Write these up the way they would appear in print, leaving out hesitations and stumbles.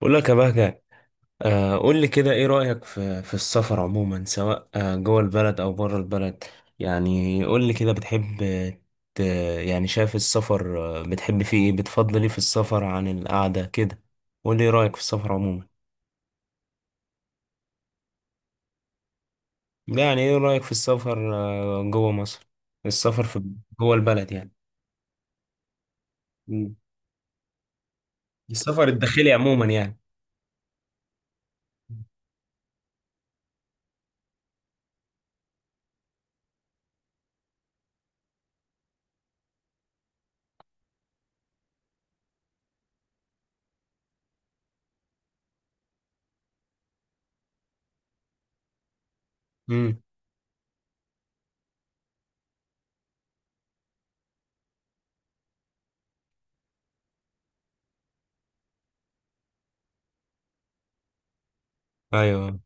بقول لك يا بهجة. قول لي كده ايه رأيك في السفر عموما، سواء جوه البلد او بره البلد. يعني قول لي كده بتحب ت- يعني شايف السفر، بتحب فيه ايه، بتفضل ايه في السفر عن القعدة كده؟ قول لي ايه رأيك في السفر عموما. لا، يعني ايه رأيك في السفر جوه مصر؟ السفر في جوه البلد يعني. مم. السفر الداخلي عموما يعني. امم. ايوه.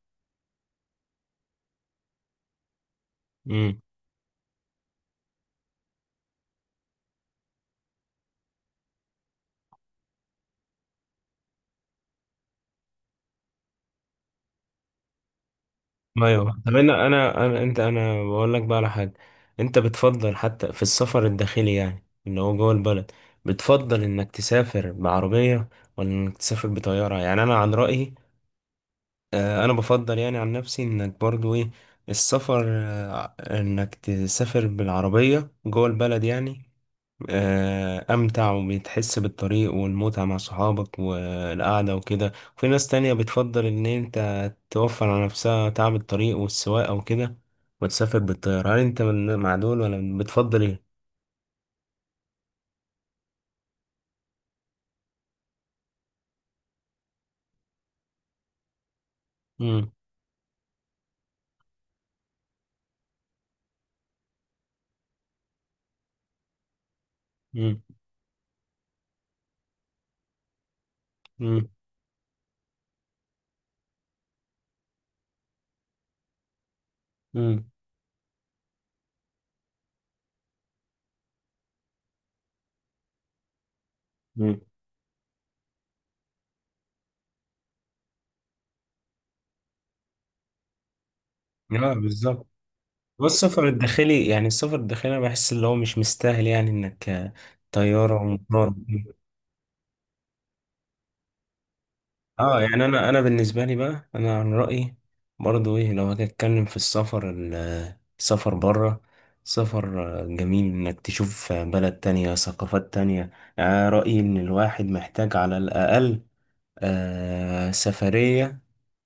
ايوه، طب انا انا أنا- انت انا بقول لك بقى على حاجه. انت بتفضل حتى في السفر الداخلي يعني اللي هو جوه البلد، بتفضل انك تسافر بعربيه ولا انك تسافر بطياره؟ يعني انا عن رايي، انا بفضل يعني عن نفسي انك برضو ايه، السفر، انك تسافر بالعربية جوه البلد يعني، امتع وبتحس بالطريق والمتعة مع صحابك والقعدة وكده. وفي ناس تانية بتفضل ان انت توفر على نفسها تعب الطريق والسواقة وكده، وتسافر بالطيارة. هل انت مع دول ولا بتفضل ايه؟ مم. مم. مم. مم. مم. لا بالظبط، هو السفر الداخلي، يعني السفر الداخلي انا بحس اللي هو مش مستاهل يعني انك طيارة ومطار. اه، يعني انا بالنسبة لي بقى، انا عن رأيي برضو ايه، لو هاجي اتكلم في السفر بره، سفر جميل انك تشوف بلد تانية، ثقافات تانية. يعني أنا رأيي ان الواحد محتاج على الاقل آه سفرية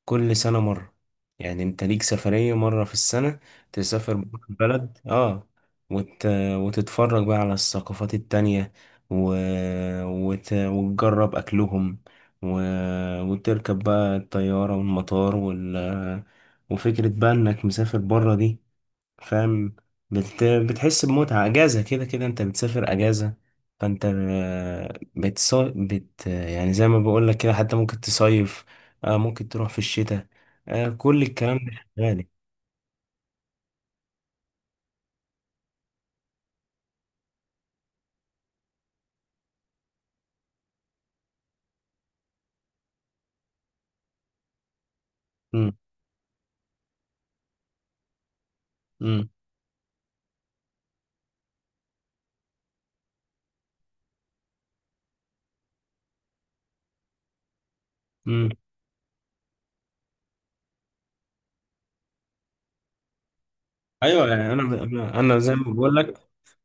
كل سنة مرة. يعني انت ليك سفرية مرة في السنة تسافر بره البلد، اه، وت... وتتفرج بقى على الثقافات التانية، و... وتجرب أكلهم، و... وتركب بقى الطيارة والمطار وفكرة بقى إنك مسافر بره دي، فاهم، بتحس بمتعة أجازة. كده كده أنت بتسافر أجازة، فأنت يعني زي ما بقولك كده، حتى ممكن تصيف، ممكن تروح في الشتاء، كل الكلام ده شغال. مم، مم، مم. أيوة، يعني أنا زي ما بقولك،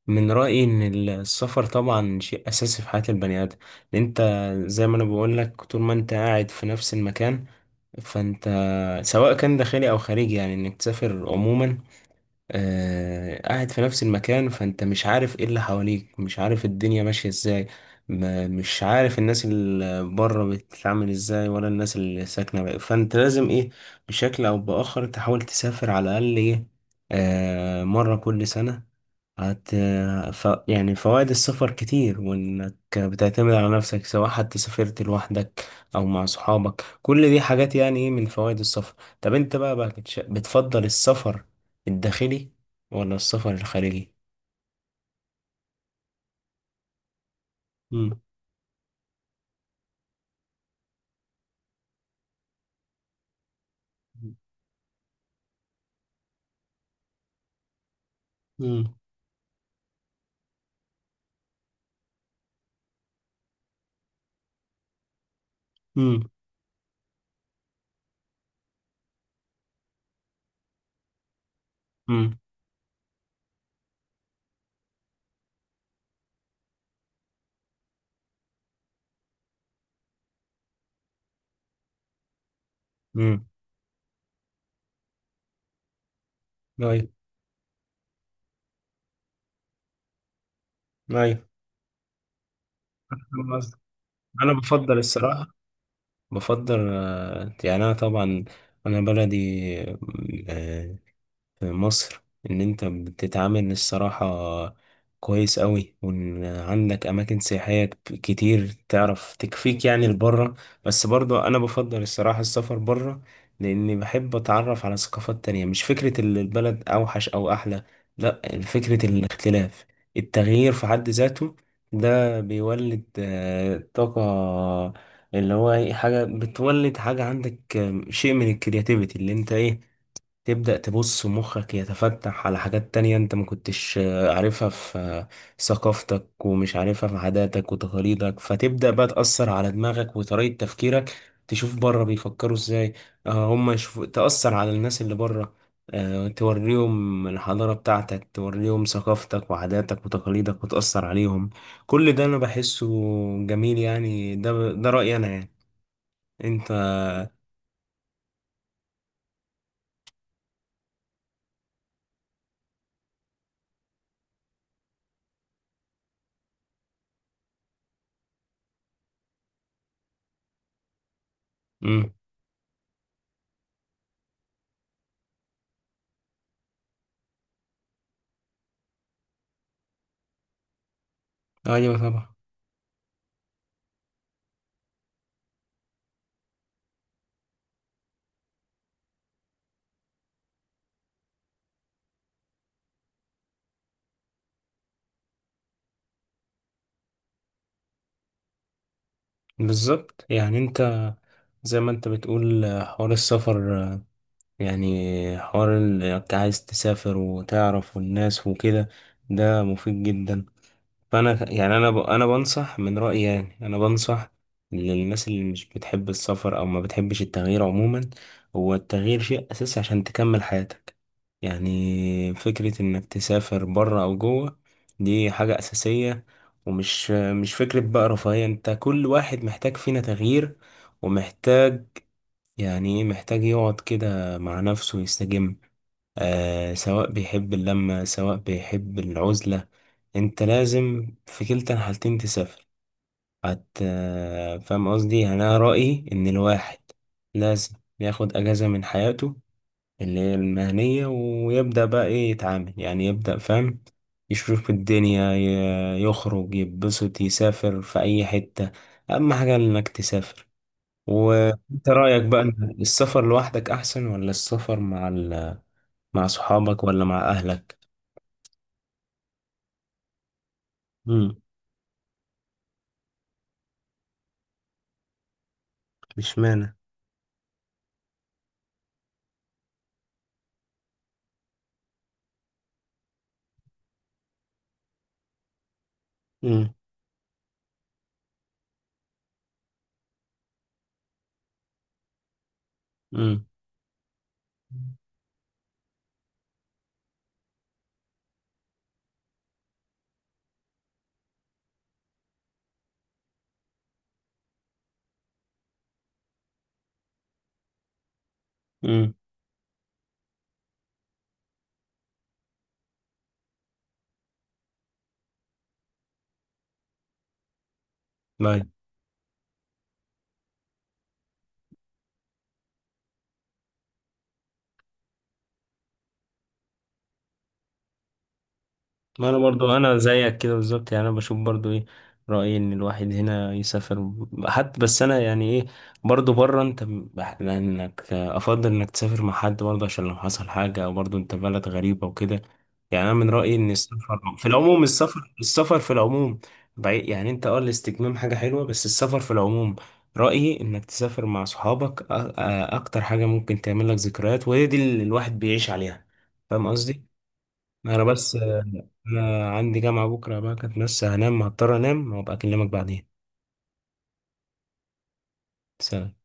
من رأيي إن السفر طبعا شيء أساسي في حياة البني آدم، لأن أنت زي ما أنا بقولك، طول ما أنت قاعد في نفس المكان، فأنت سواء كان داخلي أو خارجي يعني إنك تسافر عموما، قاعد في نفس المكان، فانت مش عارف ايه اللي حواليك، مش عارف الدنيا ماشية ازاي، ما مش عارف الناس اللي بره بتتعامل ازاي، ولا الناس اللي ساكنة بقى. فانت لازم ايه، بشكل او باخر تحاول تسافر على الاقل ايه، آه مرة كل سنة. هت يعني فوائد السفر كتير، وإنك بتعتمد على نفسك سواء حتى سافرت لوحدك أو مع صحابك، كل دي حاجات يعني إيه من فوائد السفر. طب أنت بقى، بتفضل السفر الداخلي ولا السفر الخارجي؟ مم. مم. مم. مم. مم. أيوه. أيوه. فاهم قصدك. أنا بفضل الصراحة، بفضل يعني أنا طبعا أنا بلدي في مصر، ان انت بتتعامل الصراحة كويس قوي، وان عندك اماكن سياحية كتير تعرف تكفيك يعني لبره. بس برضو انا بفضل الصراحة السفر بره، لاني بحب اتعرف على ثقافات تانية. مش فكرة البلد اوحش او احلى، لا، فكرة الاختلاف، التغيير في حد ذاته. ده بيولد طاقة، اللي هو إيه، حاجة بتولد حاجة عندك، شيء من الكرياتيفيتي، اللي انت ايه تبدأ تبص مخك يتفتح على حاجات تانية انت ما كنتش عارفها في ثقافتك، ومش عارفها في عاداتك وتقاليدك. فتبدأ بقى تأثر على دماغك وطريقة تفكيرك، تشوف بره بيفكروا ازاي، هم يشوفوا، تأثر على الناس اللي بره، توريهم الحضارة بتاعتك، توريهم ثقافتك وعاداتك وتقاليدك وتأثر عليهم. كل ده أنا بحسه جميل، يعني ده رأيي أنا يعني. أنت. مم. أيوة طبعا. بالظبط، يعني أنت زي ما انت بتقول حوار السفر، يعني حوار انت عايز تسافر وتعرف والناس وكده، ده مفيد جدا. فانا يعني انا انا بنصح، من رأيي يعني انا بنصح للناس اللي مش بتحب السفر او ما بتحبش التغيير عموما. هو التغيير شيء اساسي عشان تكمل حياتك، يعني فكرة انك تسافر بره او جوه دي حاجة اساسية، ومش مش فكرة بقى رفاهية. انت كل واحد محتاج فينا تغيير، ومحتاج يعني إيه، محتاج يقعد كده مع نفسه يستجم، آه سواء بيحب اللمة سواء بيحب العزلة. انت لازم في كلتا الحالتين تسافر. هت فاهم قصدي، يعني انا رأيي ان الواحد لازم ياخد اجازة من حياته اللي هي المهنية، ويبدأ بقى ايه يتعامل، يعني يبدأ فاهم يشوف الدنيا، يخرج يتبسط، يسافر في اي حتة. اهم حاجة انك تسافر. وانت رأيك بقى إن السفر لوحدك احسن ولا السفر مع صحابك ولا مع اهلك؟ امم. مش معنى. امم. امم. امم. ما انا برضو انا زيك كده بالظبط، يعني انا بشوف برضو ايه، رأيي ان الواحد هنا يسافر حتى. بس انا يعني ايه، برضو بره انت لانك افضل انك تسافر مع حد برضو عشان لو حصل حاجة، او برضو انت بلد غريبة وكده. يعني انا من رأيي ان السفر في العموم، السفر في العموم بعيد، يعني انت اه الاستجمام حاجة حلوة، بس السفر في العموم رأيي انك تسافر مع صحابك. اكتر حاجة ممكن تعمل لك ذكريات، وهي دي اللي الواحد بيعيش عليها. فاهم قصدي؟ انا بس، انا عندي جامعة بكرة بقى كانت، بس هنام، هضطر انام وابقى اكلمك بعدين. سلام.